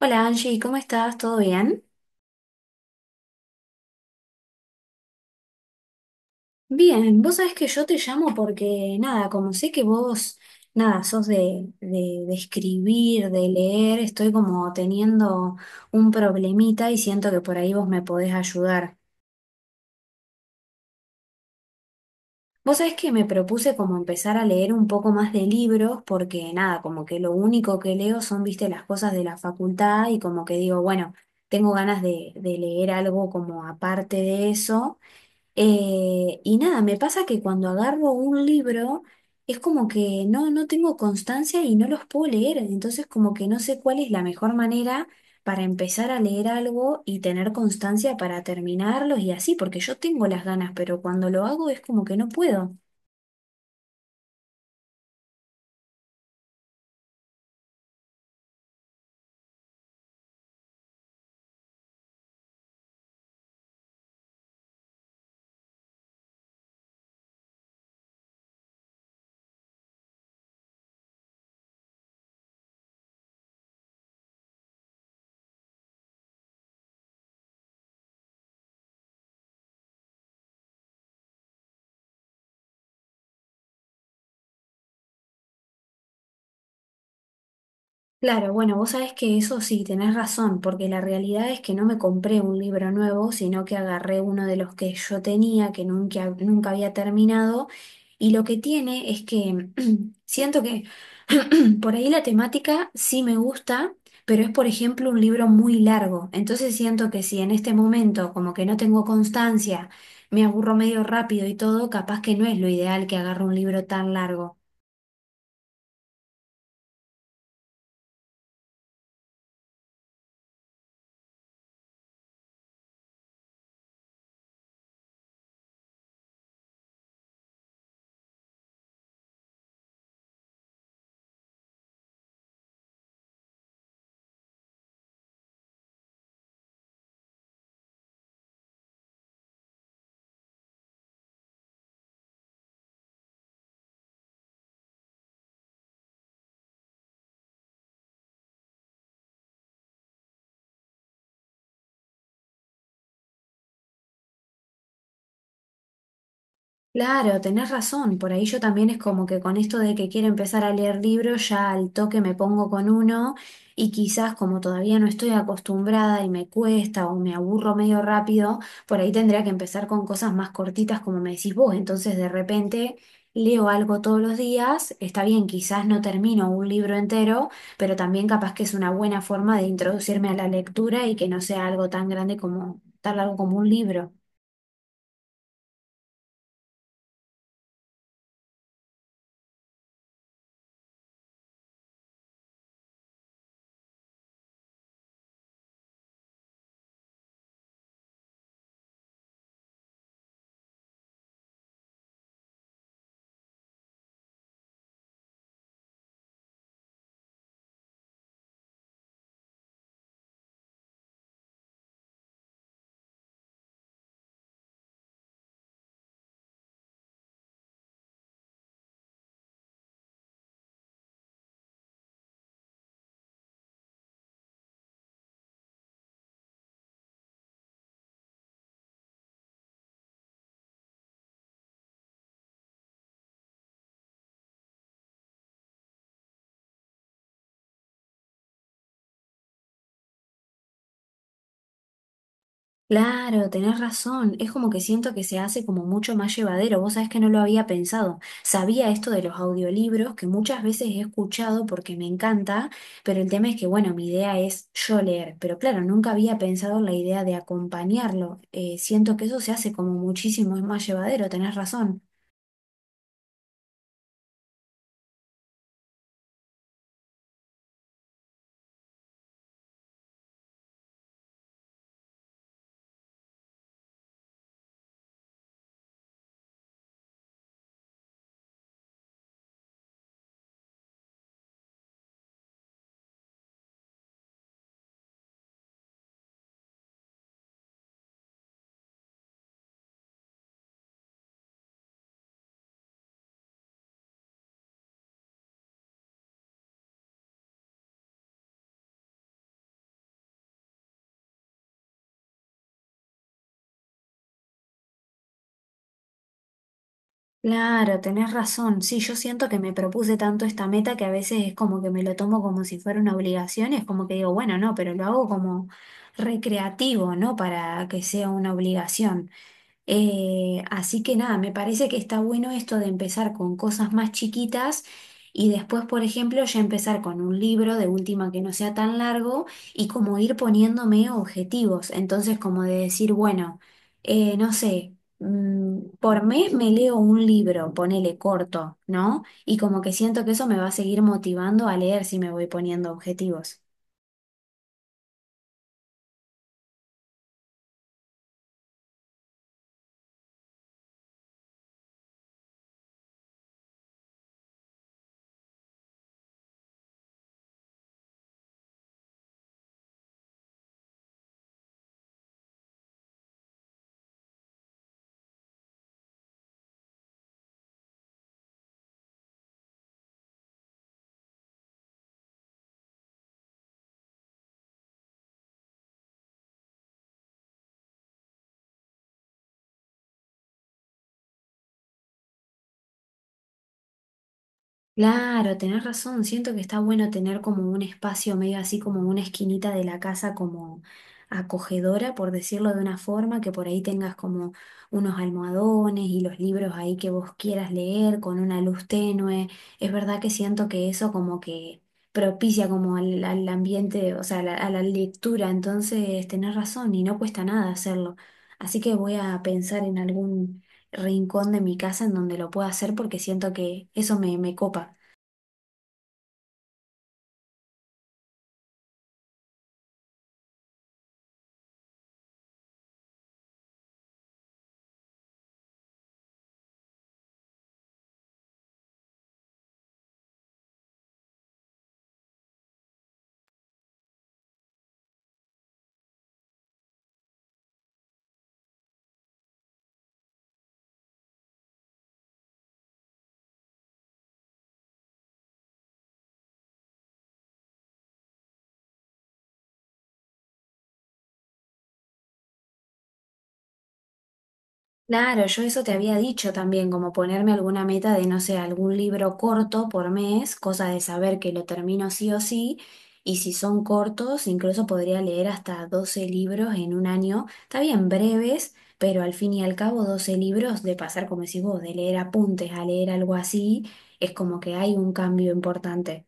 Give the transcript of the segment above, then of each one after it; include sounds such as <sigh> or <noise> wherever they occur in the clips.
Hola Angie, ¿cómo estás? ¿Todo bien? Bien, vos sabés que yo te llamo porque, nada, como sé que vos, nada, sos de escribir, de leer, estoy como teniendo un problemita y siento que por ahí vos me podés ayudar. Vos sabés que me propuse como empezar a leer un poco más de libros porque, nada, como que lo único que leo son, viste, las cosas de la facultad y como que digo, bueno, tengo ganas de leer algo como aparte de eso. Y nada, me pasa que cuando agarro un libro es como que no tengo constancia y no los puedo leer, entonces como que no sé cuál es la mejor manera para empezar a leer algo y tener constancia para terminarlos y así, porque yo tengo las ganas, pero cuando lo hago es como que no puedo. Claro, bueno, vos sabés que eso sí, tenés razón, porque la realidad es que no me compré un libro nuevo, sino que agarré uno de los que yo tenía, que nunca había terminado, y lo que tiene es que <clears throat> siento que <clears throat> por ahí la temática sí me gusta, pero es por ejemplo un libro muy largo, entonces siento que si en este momento como que no tengo constancia, me aburro medio rápido y todo, capaz que no es lo ideal que agarre un libro tan largo. Claro, tenés razón. Por ahí yo también es como que con esto de que quiero empezar a leer libros, ya al toque me pongo con uno y quizás como todavía no estoy acostumbrada y me cuesta o me aburro medio rápido, por ahí tendría que empezar con cosas más cortitas como me decís vos. Entonces de repente leo algo todos los días. Está bien, quizás no termino un libro entero, pero también capaz que es una buena forma de introducirme a la lectura y que no sea algo tan grande como, tan largo como un libro. Claro, tenés razón. Es como que siento que se hace como mucho más llevadero. Vos sabés que no lo había pensado. Sabía esto de los audiolibros que muchas veces he escuchado porque me encanta, pero el tema es que, bueno, mi idea es yo leer. Pero claro, nunca había pensado en la idea de acompañarlo. Siento que eso se hace como muchísimo más llevadero. Tenés razón. Claro, tenés razón. Sí, yo siento que me propuse tanto esta meta que a veces es como que me lo tomo como si fuera una obligación, es como que digo, bueno, no, pero lo hago como recreativo, no para que sea una obligación. Así que nada, me parece que está bueno esto de empezar con cosas más chiquitas y después, por ejemplo, ya empezar con un libro de última que no sea tan largo y como ir poniéndome objetivos. Entonces, como de decir, bueno, no sé, por mes me leo un libro, ponele corto, ¿no? Y como que siento que eso me va a seguir motivando a leer si me voy poniendo objetivos. Claro, tenés razón. Siento que está bueno tener como un espacio medio así como una esquinita de la casa como acogedora, por decirlo de una forma, que por ahí tengas como unos almohadones y los libros ahí que vos quieras leer con una luz tenue. Es verdad que siento que eso como que propicia como al ambiente, o sea, a la lectura. Entonces, tenés razón y no cuesta nada hacerlo. Así que voy a pensar en algún rincón de mi casa en donde lo pueda hacer porque siento que eso me, me copa. Claro, yo eso te había dicho también, como ponerme alguna meta de, no sé, algún libro corto por mes, cosa de saber que lo termino sí o sí, y si son cortos, incluso podría leer hasta 12 libros en un año, está bien breves, pero al fin y al cabo 12 libros de pasar, como decís vos, de leer apuntes a leer algo así, es como que hay un cambio importante.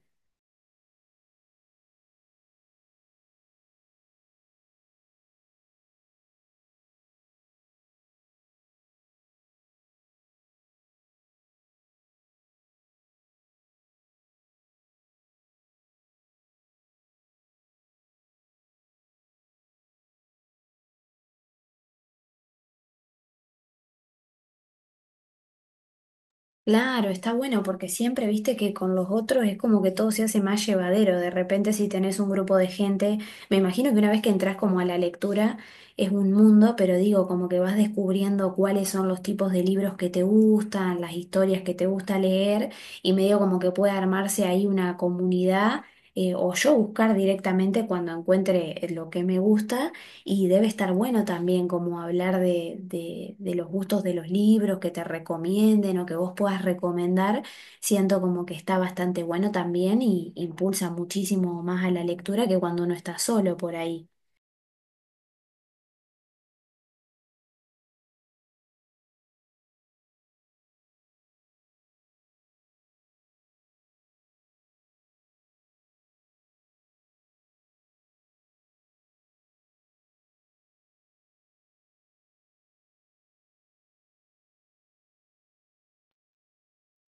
Claro, está bueno porque siempre viste que con los otros es como que todo se hace más llevadero. De repente si tenés un grupo de gente, me imagino que una vez que entras como a la lectura es un mundo, pero digo, como que vas descubriendo cuáles son los tipos de libros que te gustan, las historias que te gusta leer y medio como que puede armarse ahí una comunidad o yo buscar directamente cuando encuentre lo que me gusta. Y debe estar bueno también como hablar de los gustos de los libros que te recomienden o que vos puedas recomendar. Siento como que está bastante bueno también y impulsa muchísimo más a la lectura que cuando uno está solo por ahí.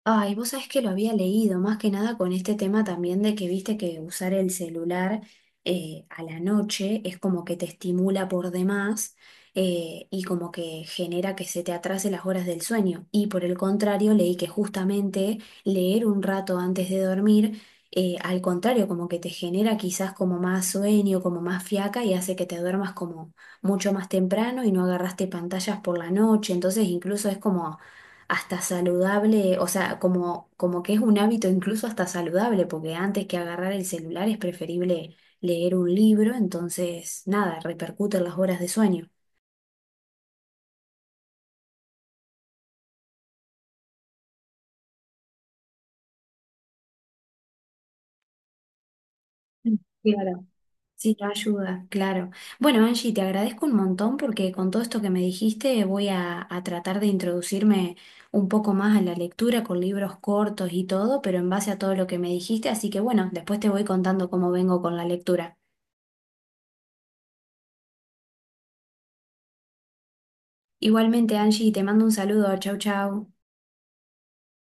Ay, vos sabés que lo había leído, más que nada con este tema también de que viste que usar el celular a la noche es como que te estimula por demás y como que genera que se te atrase las horas del sueño. Y por el contrario, leí que justamente leer un rato antes de dormir, al contrario, como que te genera quizás como más sueño, como más fiaca y hace que te duermas como mucho más temprano y no agarraste pantallas por la noche. Entonces incluso es como hasta saludable, o sea, como, como que es un hábito incluso hasta saludable, porque antes que agarrar el celular es preferible leer un libro, entonces nada, repercute en las horas de sueño. Mm. Claro. Sí, te ayuda, claro. Bueno, Angie, te agradezco un montón porque con todo esto que me dijiste voy a tratar de introducirme un poco más a la lectura con libros cortos y todo, pero en base a todo lo que me dijiste, así que bueno, después te voy contando cómo vengo con la lectura. Igualmente, Angie, te mando un saludo, chau, chau.